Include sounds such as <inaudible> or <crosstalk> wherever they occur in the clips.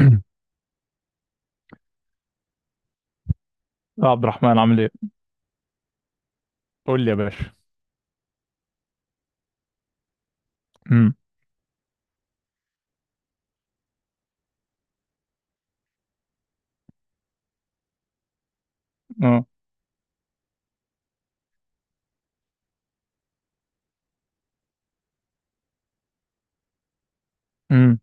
يا عبد الرحمن عامل ايه؟ قول لي يا باشا. امم اه امم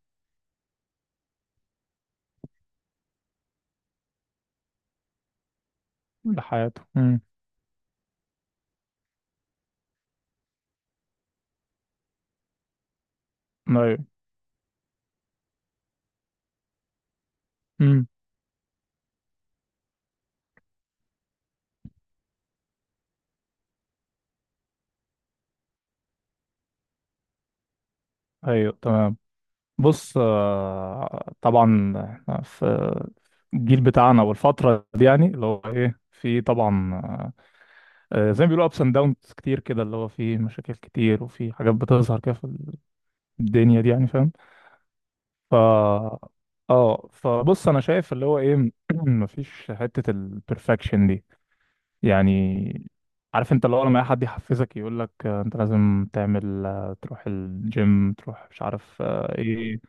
ده حياته، امم. ايوه، امم. ايوه، تمام. بص، طبعا إحنا في الجيل بتاعنا والفترة دي، يعني اللي هو ايه، في طبعا زي ما بيقولوا ابس اند داونز كتير كده، اللي هو في مشاكل كتير وفي حاجات بتظهر كده في الدنيا دي، يعني فاهم. ف اه فبص انا شايف اللي هو ايه، <clears throat> مفيش حتة البرفكشن دي يعني. عارف انت، اللي هو لما اي حد يحفزك يقول لك انت لازم تعمل، تروح الجيم، تروح مش عارف ايه،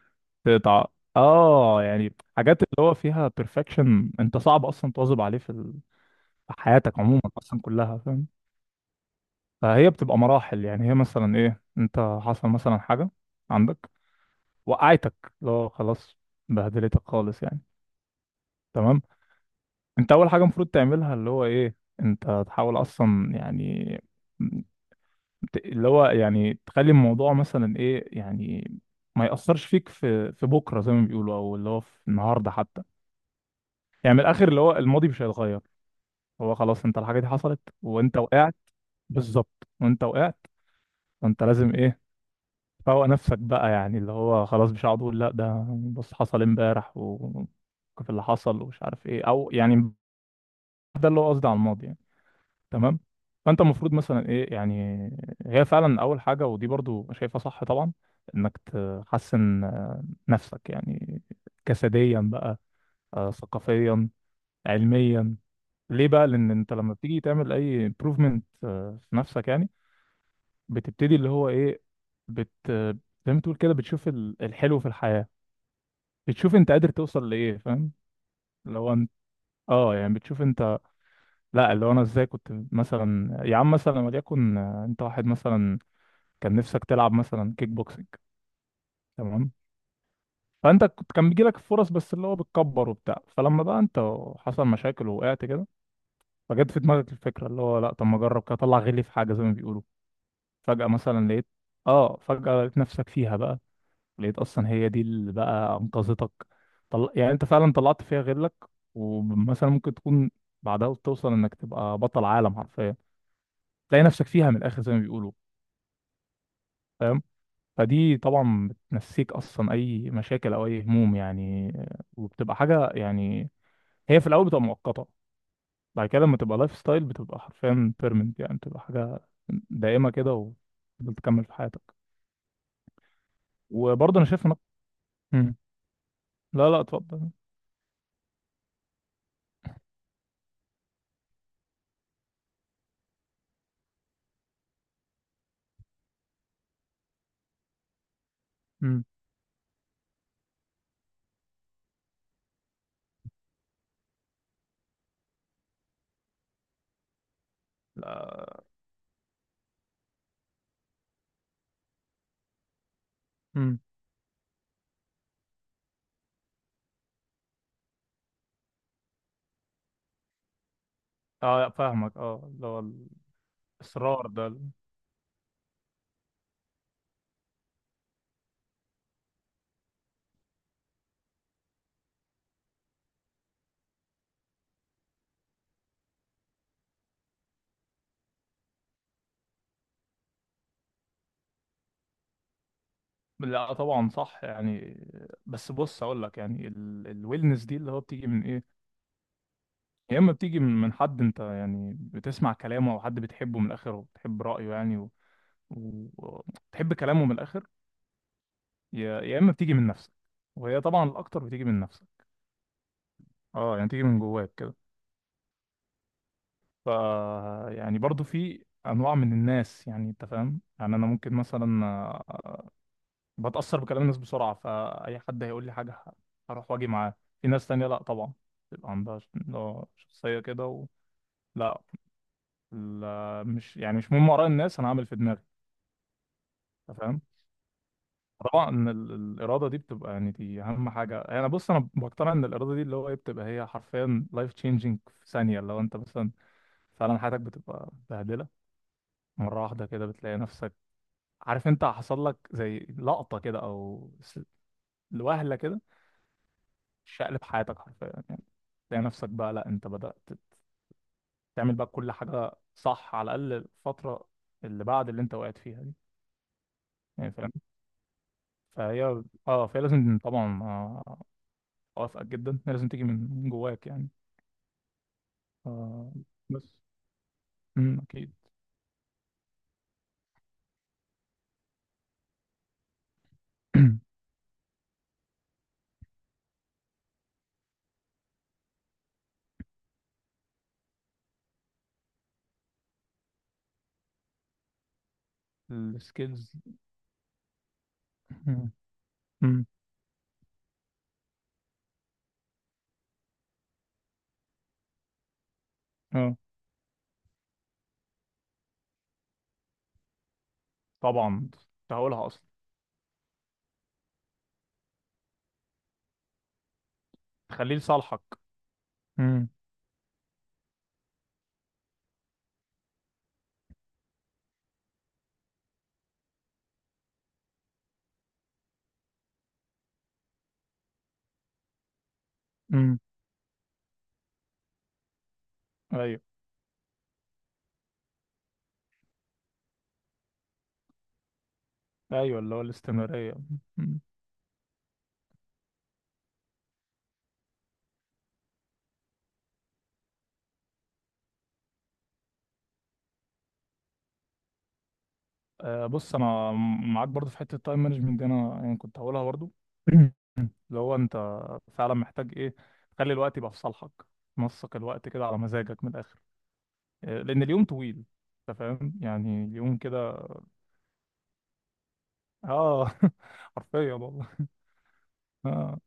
تقطع. اه يعني حاجات اللي هو فيها بيرفكشن انت صعب اصلا تواظب عليه في في حياتك عموما اصلا كلها، فاهم. فهي بتبقى مراحل، يعني هي مثلا ايه، انت حصل مثلا حاجة عندك، وقعتك، اللي هو خلاص بهدلتك خالص يعني، تمام. انت اول حاجة المفروض تعملها اللي هو ايه، انت تحاول اصلا، يعني اللي هو، يعني تخلي الموضوع مثلا ايه، يعني ما يأثرش فيك في بكره، زي ما بيقولوا، او اللي هو في النهارده حتى، يعني من الاخر اللي هو الماضي مش هيتغير. هو خلاص انت الحاجه دي حصلت وانت وقعت، بالظبط وانت وقعت. فانت لازم ايه، تفوق نفسك بقى، يعني اللي هو خلاص مش هقعد اقول لا ده بص حصل امبارح وكيف اللي حصل ومش عارف ايه، او يعني ده اللي هو قصدي على الماضي يعني، تمام. فانت المفروض مثلا ايه يعني، هي فعلا اول حاجه، ودي برضو شايفها صح طبعا، انك تحسن نفسك يعني، جسديا بقى، ثقافيا، علميا. ليه بقى؟ لان انت لما بتيجي تعمل اي improvement في نفسك يعني، بتبتدي اللي هو ايه، بت زي ما تقول كده بتشوف الحلو في الحياه، بتشوف انت قادر توصل لايه، فاهم. لو انت اه يعني بتشوف انت، لا اللي هو انا ازاي كنت مثلا. يا عم مثلا، وليكن، انت واحد مثلا كان نفسك تلعب مثلا كيك بوكسنج، تمام، فانت كنت كان بيجي لك فرص، بس اللي هو بتكبر وبتاع، فلما بقى انت حصل مشاكل ووقعت كده، فجت في دماغك الفكره اللي هو لا طب ما اجرب كده، اطلع غلي في حاجه زي ما بيقولوا. فجاه مثلا لقيت، اه فجاه لقيت نفسك فيها بقى، لقيت اصلا هي دي اللي بقى انقذتك. يعني انت فعلا طلعت فيها غلك، ومثلا ممكن تكون بعدها توصل انك تبقى بطل عالم حرفيا، تلاقي نفسك فيها من الاخر زي ما بيقولوا، فاهم. فدي طبعا بتنسيك اصلا اي مشاكل او اي هموم يعني، وبتبقى حاجه يعني، هي في الاول بتبقى مؤقته، بعد كده لما تبقى لايف ستايل بتبقى حرفيا بيرمنت، يعني بتبقى حاجه دائمه كده، وتفضل تكمل في حياتك. وبرضه انا شايف انك... مم. لا لا، اتفضل. مم. لا. مم. اه فاهمك، اه اللي هو الاصرار ده. لا طبعا صح يعني، بس بص اقول لك يعني، الويلنس دي اللي هو بتيجي من ايه؟ يا اما بتيجي من حد انت يعني بتسمع كلامه، او حد بتحبه من الاخر وبتحب رايه يعني، وتحب و... و- بتحب كلامه من الاخر، يا اما بتيجي من نفسك، وهي طبعا الاكتر بتيجي من نفسك، اه يعني بتيجي من جواك كده. ف يعني برضو في انواع من الناس، يعني انت فاهم، يعني انا ممكن مثلا بتاثر بكلام الناس بسرعه، فاي حد هيقول لي حاجه هروح واجي معاه. في ناس تانية لا طبعا، تبقى عندها شخصيه كده لا، لا مش يعني مش مهم اراء الناس، انا هعمل في دماغي، انت فاهم. طبعا إن الاراده دي بتبقى، يعني دي اهم حاجه، انا يعني بص انا بقتنع ان الاراده دي اللي هو ايه، بتبقى هي حرفيا لايف تشينجينج في ثانيه، لو انت مثلا فعلا حياتك بتبقى بهدله مره واحده كده، بتلاقي نفسك، عارف انت حصل لك زي لقطه كده وهله كده شقلب حياتك حرفيا يعني، تلاقي نفسك بقى لا انت بدات تعمل بقى كل حاجه صح، على الاقل الفتره اللي بعد اللي انت وقعت فيها دي، يعني فاهم. فهي اه فهي لازم طبعا، اوافقك جدا، هي لازم تيجي من جواك يعني. آه، بس، اكيد. <clears throat> السكيلز. امم امم اه طبعا كنت هقولها اصلا، تخليه لصالحك. امم. امم. ايوه. ايوه، اللي هو الاستمراريه. مم. آه، بص انا معاك برضو في حته التايم مانجمنت دي، انا يعني كنت هقولها برضو. <clears throat> اللي هو انت فعلا محتاج ايه، تخلي الوقت يبقى في صالحك، نسق الوقت كده على مزاجك من الاخر، لان اليوم طويل، انت فاهم، يعني اليوم كده اه <laughs> حرفيا والله. اه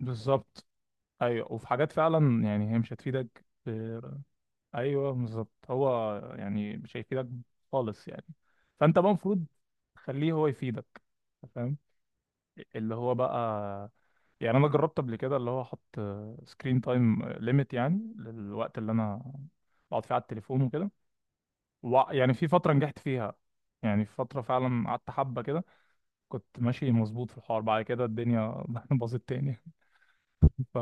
بالظبط. ايوه، وفي حاجات فعلا يعني هي مش هتفيدك في... ايوه بالظبط، هو يعني مش هيفيدك خالص يعني. فانت بقى المفروض تخليه هو يفيدك، فاهم. اللي هو بقى يعني، انا جربت قبل كده اللي هو احط سكرين تايم ليميت، يعني للوقت اللي انا بقعد فيه على التليفون وكده، يعني في فتره نجحت فيها، يعني في فتره فعلا قعدت حبه كده، كنت ماشي مظبوط في الحوار، بعد كده الدنيا <laughs> باظت تاني. ف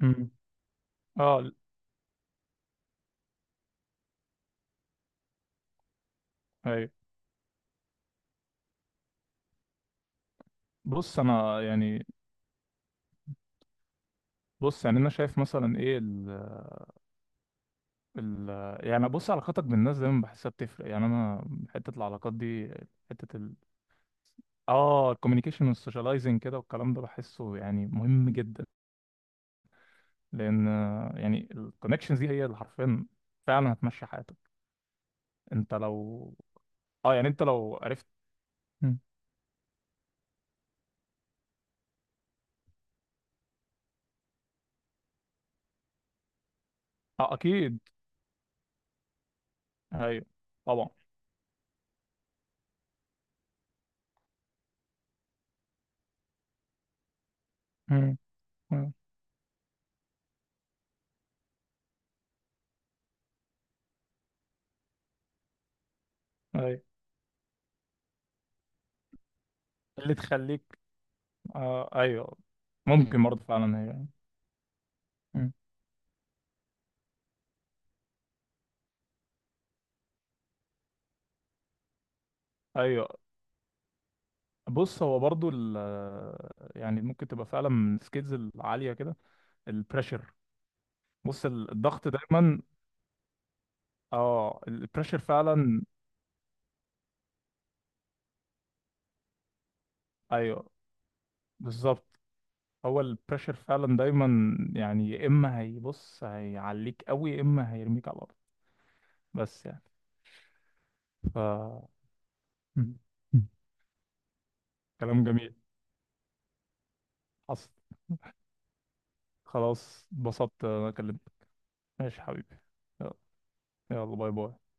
مم. اه ايوه. بص انا يعني بص يعني انا شايف مثلا ايه، ال ال يعني بص علاقاتك بالناس دايما بحسها بتفرق، يعني انا حته العلاقات دي، حته ال اه الكوميونيكيشن والسوشياليزنج كده والكلام ده بحسه يعني مهم جدا، لان يعني الكونكشنز دي هي اللي حرفيا فعلا هتمشي حياتك. انت لو اه يعني انت لو عرفت. مم. اه اكيد، ايوه طبعا. مم. مم. ايوه اللي تخليك، آه ايوه. ممكن برضه فعلا هي. مم. ايوه بص هو برضو يعني ممكن تبقى فعلا من السكيلز العالية كده، البريشر. بص الضغط دايما. اه البريشر فعلا، ايوه بالظبط. هو البريشر فعلا دايما يعني، يا اما هيبص هيعليك قوي، يا اما هيرميك على الارض، بس يعني. مم. مم. كلام جميل، حصل. خلاص، اتبسطت انا كلمتك. ماشي يا حبيبي. يلا، يلا باي باي.